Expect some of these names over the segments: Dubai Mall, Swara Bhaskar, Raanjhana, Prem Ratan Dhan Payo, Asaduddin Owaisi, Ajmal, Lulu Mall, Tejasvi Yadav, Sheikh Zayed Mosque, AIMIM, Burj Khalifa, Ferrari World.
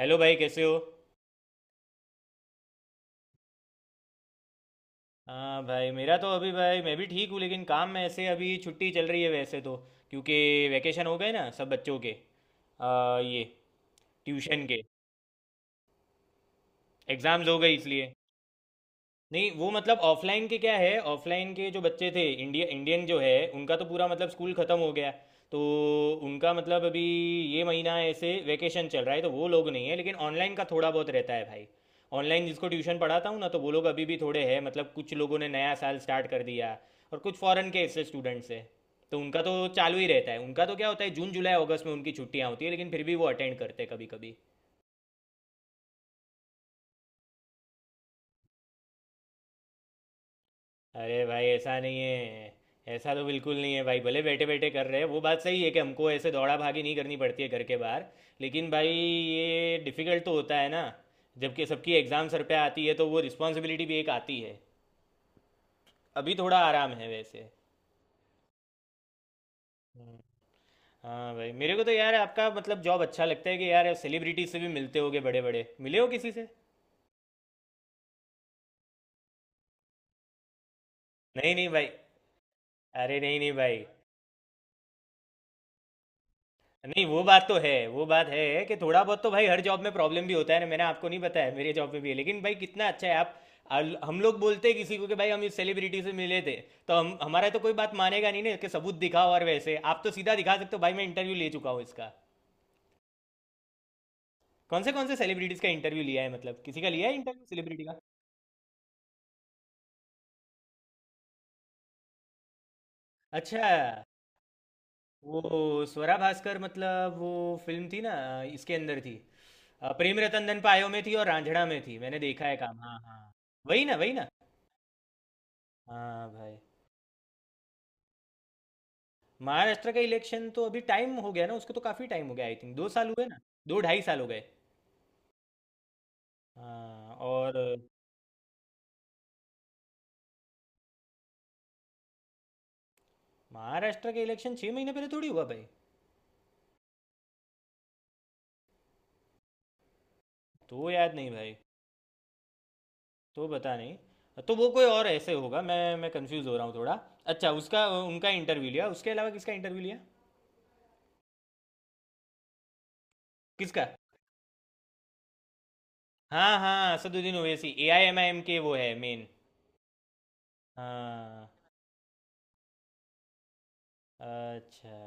Hello भाई, कैसे हो। हाँ भाई मेरा तो अभी, भाई मैं भी ठीक हूँ, लेकिन काम में ऐसे अभी छुट्टी चल रही है वैसे तो। क्योंकि वैकेशन हो गए ना सब बच्चों के। ये ट्यूशन के एग्ज़ाम्स हो गए इसलिए। नहीं, वो मतलब ऑफलाइन के क्या है, ऑफलाइन के जो बच्चे थे, इंडिया इंडियन जो है उनका तो पूरा मतलब स्कूल ख़त्म हो गया। तो उनका मतलब अभी ये महीना ऐसे वेकेशन चल रहा है, तो वो लोग नहीं है, लेकिन ऑनलाइन का थोड़ा बहुत रहता है भाई। ऑनलाइन जिसको ट्यूशन पढ़ाता हूँ ना, तो वो लोग अभी भी थोड़े हैं, मतलब कुछ लोगों ने नया साल स्टार्ट कर दिया। और कुछ फॉरेन के ऐसे स्टूडेंट्स हैं, तो उनका तो चालू ही रहता है। उनका तो क्या होता है, जून जुलाई अगस्त में उनकी छुट्टियाँ होती है, लेकिन फिर भी वो अटेंड करते हैं कभी कभी। अरे भाई ऐसा नहीं है। ऐसा तो बिल्कुल नहीं है भाई। भले बैठे बैठे कर रहे हैं, वो बात सही है कि हमको ऐसे दौड़ा भागी नहीं करनी पड़ती है घर के बाहर, लेकिन भाई ये डिफ़िकल्ट तो होता है ना। जबकि सबकी एग्ज़ाम सर पे आती है, तो वो रिस्पॉन्सिबिलिटी भी एक आती है। अभी थोड़ा आराम है वैसे। हम्म। हाँ भाई, मेरे को तो यार आपका मतलब जॉब अच्छा लगता है कि यार सेलिब्रिटी से भी मिलते होगे। बड़े बड़े मिले हो किसी से। नहीं नहीं भाई। अरे नहीं नहीं भाई। नहीं, वो बात तो है, वो बात है कि थोड़ा बहुत तो भाई हर जॉब में प्रॉब्लम भी होता है ना, मैंने आपको नहीं बताया मेरे जॉब में भी है, लेकिन भाई कितना अच्छा है आप। हम लोग बोलते हैं किसी को कि भाई हम इस सेलिब्रिटी से मिले थे, तो हम हमारा तो कोई बात मानेगा नहीं ना कि सबूत दिखाओ, और वैसे आप तो सीधा दिखा सकते हो, भाई मैं इंटरव्यू ले चुका हूँ इसका। कौन से सेलिब्रिटीज का इंटरव्यू लिया है, मतलब किसी का लिया है इंटरव्यू, सेलिब्रिटी का। अच्छा, वो स्वरा भास्कर मतलब वो फिल्म थी ना, इसके अंदर थी। प्रेम रतन धन पायो में थी और रांझणा में थी, मैंने देखा है काम। हाँ हाँ। वही ना, वही ना। हाँ भाई। महाराष्ट्र का इलेक्शन तो अभी टाइम हो गया ना उसको, तो काफ़ी टाइम हो गया, आई थिंक 2 साल हुए ना। दो ढाई साल हो गए। हाँ और। महाराष्ट्र के इलेक्शन 6 महीने पहले थोड़ी हुआ भाई। तो याद नहीं भाई। तो पता नहीं। तो वो कोई और ऐसे होगा, मैं कंफ्यूज हो रहा हूँ थोड़ा। अच्छा, उसका उनका इंटरव्यू लिया। उसके अलावा किसका इंटरव्यू लिया। किसका। हाँ हाँ, असदुद्दीन ओवैसी AIMIM के वो है मेन। हाँ। अच्छा,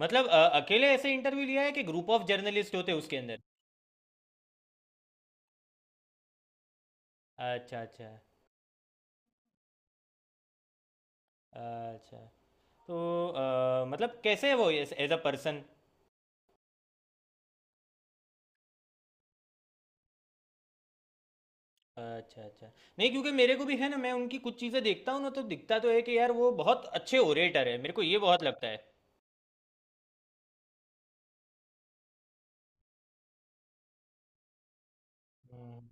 मतलब अकेले ऐसे इंटरव्यू लिया है कि ग्रुप ऑफ जर्नलिस्ट होते हैं उसके अंदर। अच्छा अच्छा अच्छा। तो मतलब कैसे है वो एज अ पर्सन। अच्छा अच्छा। नहीं क्योंकि मेरे को भी है ना, मैं उनकी कुछ चीज़ें देखता हूँ ना, तो दिखता तो है कि यार वो बहुत अच्छे ओरेटर है। मेरे को ये बहुत लगता है। हम्म,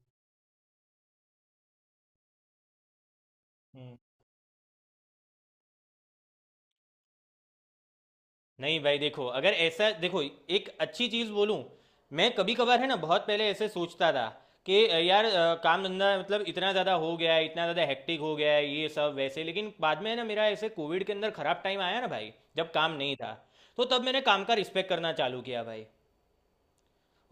हम्म। नहीं भाई देखो, अगर ऐसा देखो एक अच्छी चीज़ बोलूँ, मैं कभी कभार है ना बहुत पहले ऐसे सोचता था कि यार काम धंधा मतलब इतना ज़्यादा हो गया है, इतना ज़्यादा हेक्टिक हो गया है ये सब वैसे, लेकिन बाद में है ना मेरा ऐसे कोविड के अंदर ख़राब टाइम आया ना भाई, जब काम नहीं था। तो तब मैंने काम का रिस्पेक्ट करना चालू किया भाई।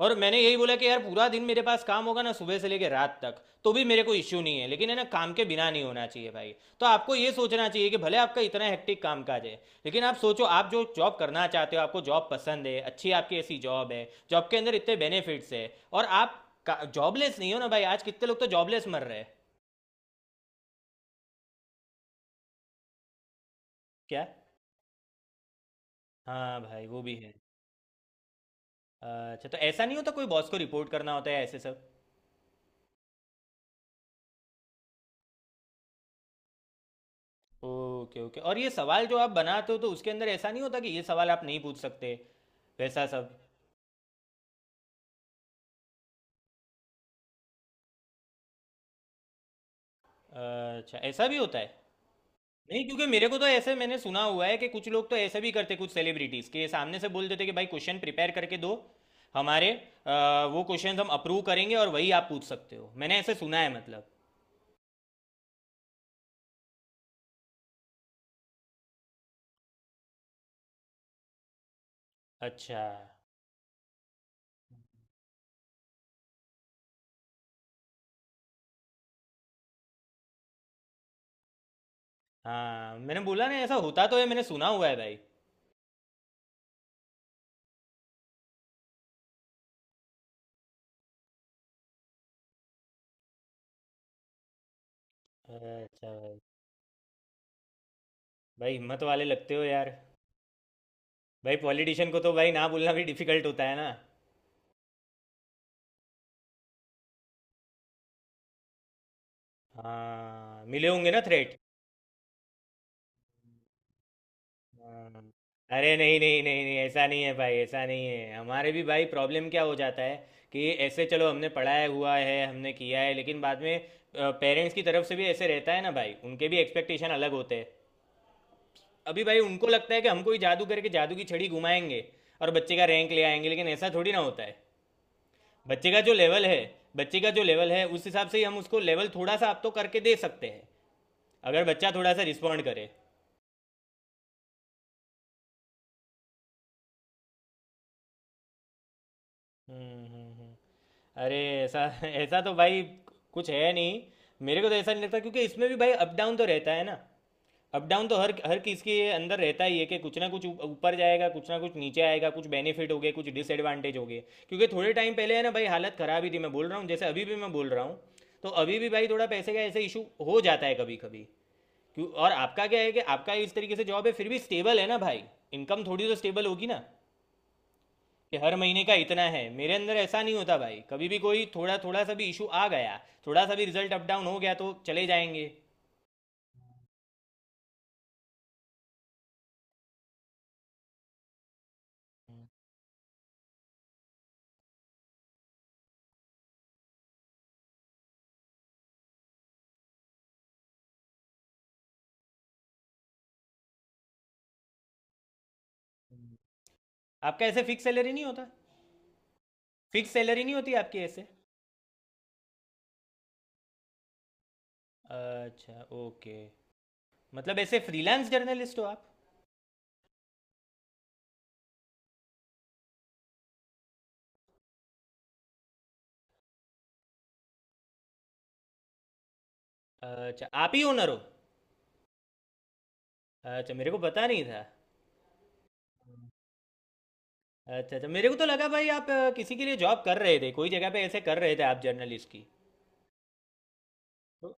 और मैंने यही बोला कि यार पूरा दिन मेरे पास काम होगा ना सुबह से लेकर रात तक, तो भी मेरे को इश्यू नहीं है, लेकिन है ना काम के बिना नहीं होना चाहिए भाई। तो आपको ये सोचना चाहिए कि भले आपका इतना हेक्टिक काम काज है, लेकिन आप सोचो, आप जो जॉब करना चाहते हो, आपको जॉब पसंद है, अच्छी आपकी ऐसी जॉब है। जॉब के अंदर इतने बेनिफिट्स है, और आप जॉबलेस नहीं हो ना भाई। आज कितने लोग तो जॉबलेस मर रहे हैं। क्या। हाँ भाई वो भी है। अच्छा, तो ऐसा नहीं होता कोई बॉस को रिपोर्ट करना होता है ऐसे सब। Okay okay. और ये सवाल जो आप बनाते हो, तो उसके अंदर ऐसा नहीं होता कि ये सवाल आप नहीं पूछ सकते, वैसा सब। अच्छा, ऐसा भी होता है। नहीं क्योंकि मेरे को तो ऐसे मैंने सुना हुआ है कि कुछ लोग तो ऐसे भी करते, कुछ सेलिब्रिटीज के सामने से बोल देते कि भाई क्वेश्चन प्रिपेयर करके दो हमारे, वो क्वेश्चन हम अप्रूव करेंगे और वही आप पूछ सकते हो, मैंने ऐसे सुना है, मतलब। अच्छा। हाँ मैंने बोला ना, ऐसा होता तो है, मैंने सुना हुआ है भाई। अच्छा भाई। भाई हिम्मत वाले लगते हो यार। भाई पॉलिटिशियन को तो भाई ना बोलना भी डिफिकल्ट होता है ना। हाँ मिले होंगे ना थ्रेट। हाँ। अरे नहीं नहीं नहीं नहीं, ऐसा नहीं है भाई, ऐसा नहीं है। हमारे भी भाई प्रॉब्लम क्या हो जाता है कि ऐसे चलो, हमने पढ़ाया हुआ है हमने किया है, लेकिन बाद में पेरेंट्स की तरफ से भी ऐसे रहता है ना भाई, उनके भी एक्सपेक्टेशन अलग होते हैं। अभी भाई उनको लगता है कि हमको ही जादू करके, जादू की छड़ी घुमाएंगे और बच्चे का रैंक ले आएंगे, लेकिन ऐसा थोड़ी ना होता है। बच्चे का जो लेवल है बच्चे का जो लेवल है उस हिसाब से ही हम उसको लेवल थोड़ा सा आप तो करके दे सकते हैं, अगर बच्चा थोड़ा सा रिस्पॉन्ड करे। हम्म हम्म हम्म। अरे ऐसा, ऐसा तो भाई कुछ है नहीं। मेरे को तो ऐसा नहीं लगता, क्योंकि इसमें भी भाई अप डाउन तो रहता है ना। अप डाउन तो हर हर किसी के अंदर रहता ही है कि कुछ ना कुछ ऊपर जाएगा, कुछ ना कुछ नीचे आएगा, कुछ बेनिफिट हो गए कुछ डिसएडवांटेज हो गए। क्योंकि थोड़े टाइम पहले है ना भाई हालत खराब ही थी, मैं बोल रहा हूँ, जैसे अभी भी मैं बोल रहा हूँ। तो अभी भी भाई थोड़ा पैसे का ऐसे इशू हो जाता है कभी कभी। क्यों, और आपका क्या है कि आपका इस तरीके से जॉब है, फिर भी स्टेबल है ना भाई। इनकम थोड़ी तो स्टेबल होगी ना, कि हर महीने का इतना है। मेरे अंदर ऐसा नहीं होता भाई, कभी भी कोई थोड़ा थोड़ा सा भी इशू आ गया, थोड़ा सा भी रिजल्ट अप डाउन हो गया तो चले जाएंगे। आपका ऐसे फिक्स सैलरी नहीं होता। फिक्स सैलरी नहीं होती आपकी ऐसे। अच्छा ओके। मतलब ऐसे फ्रीलांस जर्नलिस्ट हो आप। अच्छा आप ही ओनर हो। अच्छा मेरे को पता नहीं था। अच्छा अच्छा, मेरे को तो लगा भाई आप किसी के लिए जॉब कर रहे थे, कोई जगह पे ऐसे कर रहे थे आप जर्नलिस्ट की। तो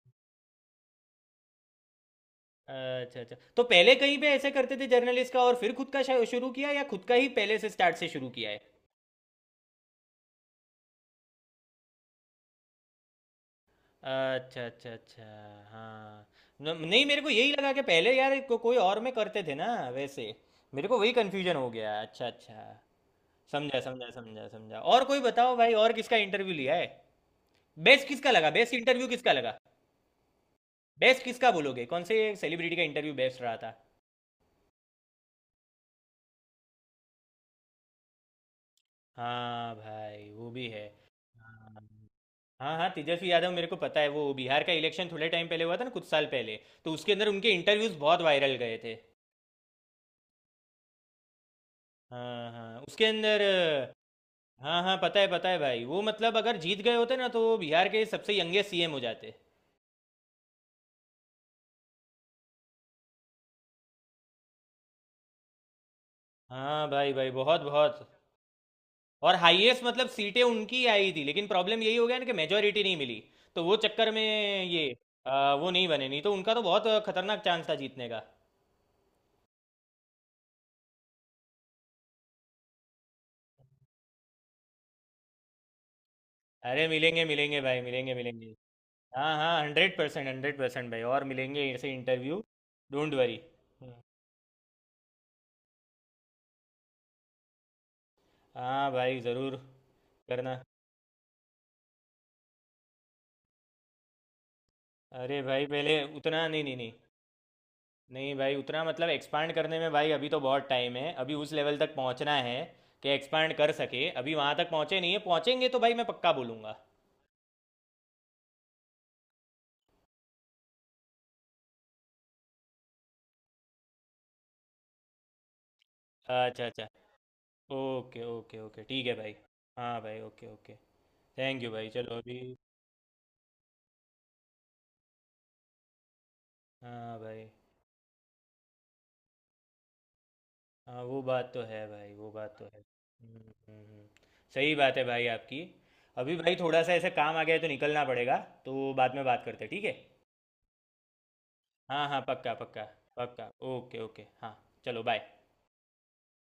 अच्छा अच्छा, तो पहले कहीं पे ऐसे करते थे जर्नलिस्ट का और फिर खुद का शुरू किया, या खुद का ही पहले से स्टार्ट से शुरू किया है। अच्छा अच्छा अच्छा। हाँ। नहीं मेरे को यही लगा कि पहले यार कोई और में करते थे ना वैसे। मेरे को वही कन्फ्यूजन हो गया। अच्छा अच्छा, समझा समझा समझा समझा। और कोई बताओ भाई, और किसका इंटरव्यू लिया है, बेस्ट किसका लगा, बेस्ट इंटरव्यू किसका लगा, बेस्ट किसका बोलोगे, कौन से सेलिब्रिटी का इंटरव्यू बेस्ट रहा था। हाँ भाई वो भी है। हाँ हाँ हाँ, तेजस्वी यादव मेरे को पता है, वो बिहार का इलेक्शन थोड़े टाइम पहले हुआ था ना कुछ साल पहले। तो उसके अंदर उनके इंटरव्यूज बहुत वायरल गए थे। हाँ हाँ उसके अंदर। हाँ हाँ पता है भाई, वो मतलब अगर जीत गए होते ना, तो वो बिहार के सबसे यंगेस्ट सीएम हो जाते। हाँ भाई भाई बहुत बहुत। और हाईएस्ट मतलब सीटें उनकी आई थी, लेकिन प्रॉब्लम यही हो गया ना कि मेजोरिटी नहीं मिली, तो वो चक्कर में ये वो नहीं बने, नहीं तो उनका तो बहुत खतरनाक चांस था जीतने का। अरे मिलेंगे मिलेंगे भाई, मिलेंगे मिलेंगे। हाँ हाँ 100% 100% भाई, और मिलेंगे ऐसे इंटरव्यू। Don't worry. हाँ भाई ज़रूर करना। अरे भाई पहले उतना नहीं, नहीं नहीं। नहीं भाई उतना मतलब एक्सपांड करने में भाई अभी तो बहुत टाइम है, अभी उस लेवल तक पहुंचना है कि एक्सपांड कर सके। अभी वहां तक पहुंचे नहीं है, पहुंचेंगे तो भाई मैं पक्का बोलूंगा। अच्छा अच्छा, ओके ओके ओके, ठीक है भाई। हाँ भाई ओके ओके। थैंक यू भाई, चलो अभी। हाँ भाई। हाँ वो बात तो है भाई, वो बात तो है। हम्म, हम्म। सही बात है भाई आपकी। अभी भाई थोड़ा सा ऐसे काम आ गया है तो निकलना पड़ेगा, तो बाद में बात करते हैं ठीक है। हाँ हाँ पक्का पक्का। पक्का, ओके ओके हाँ। चलो बाय।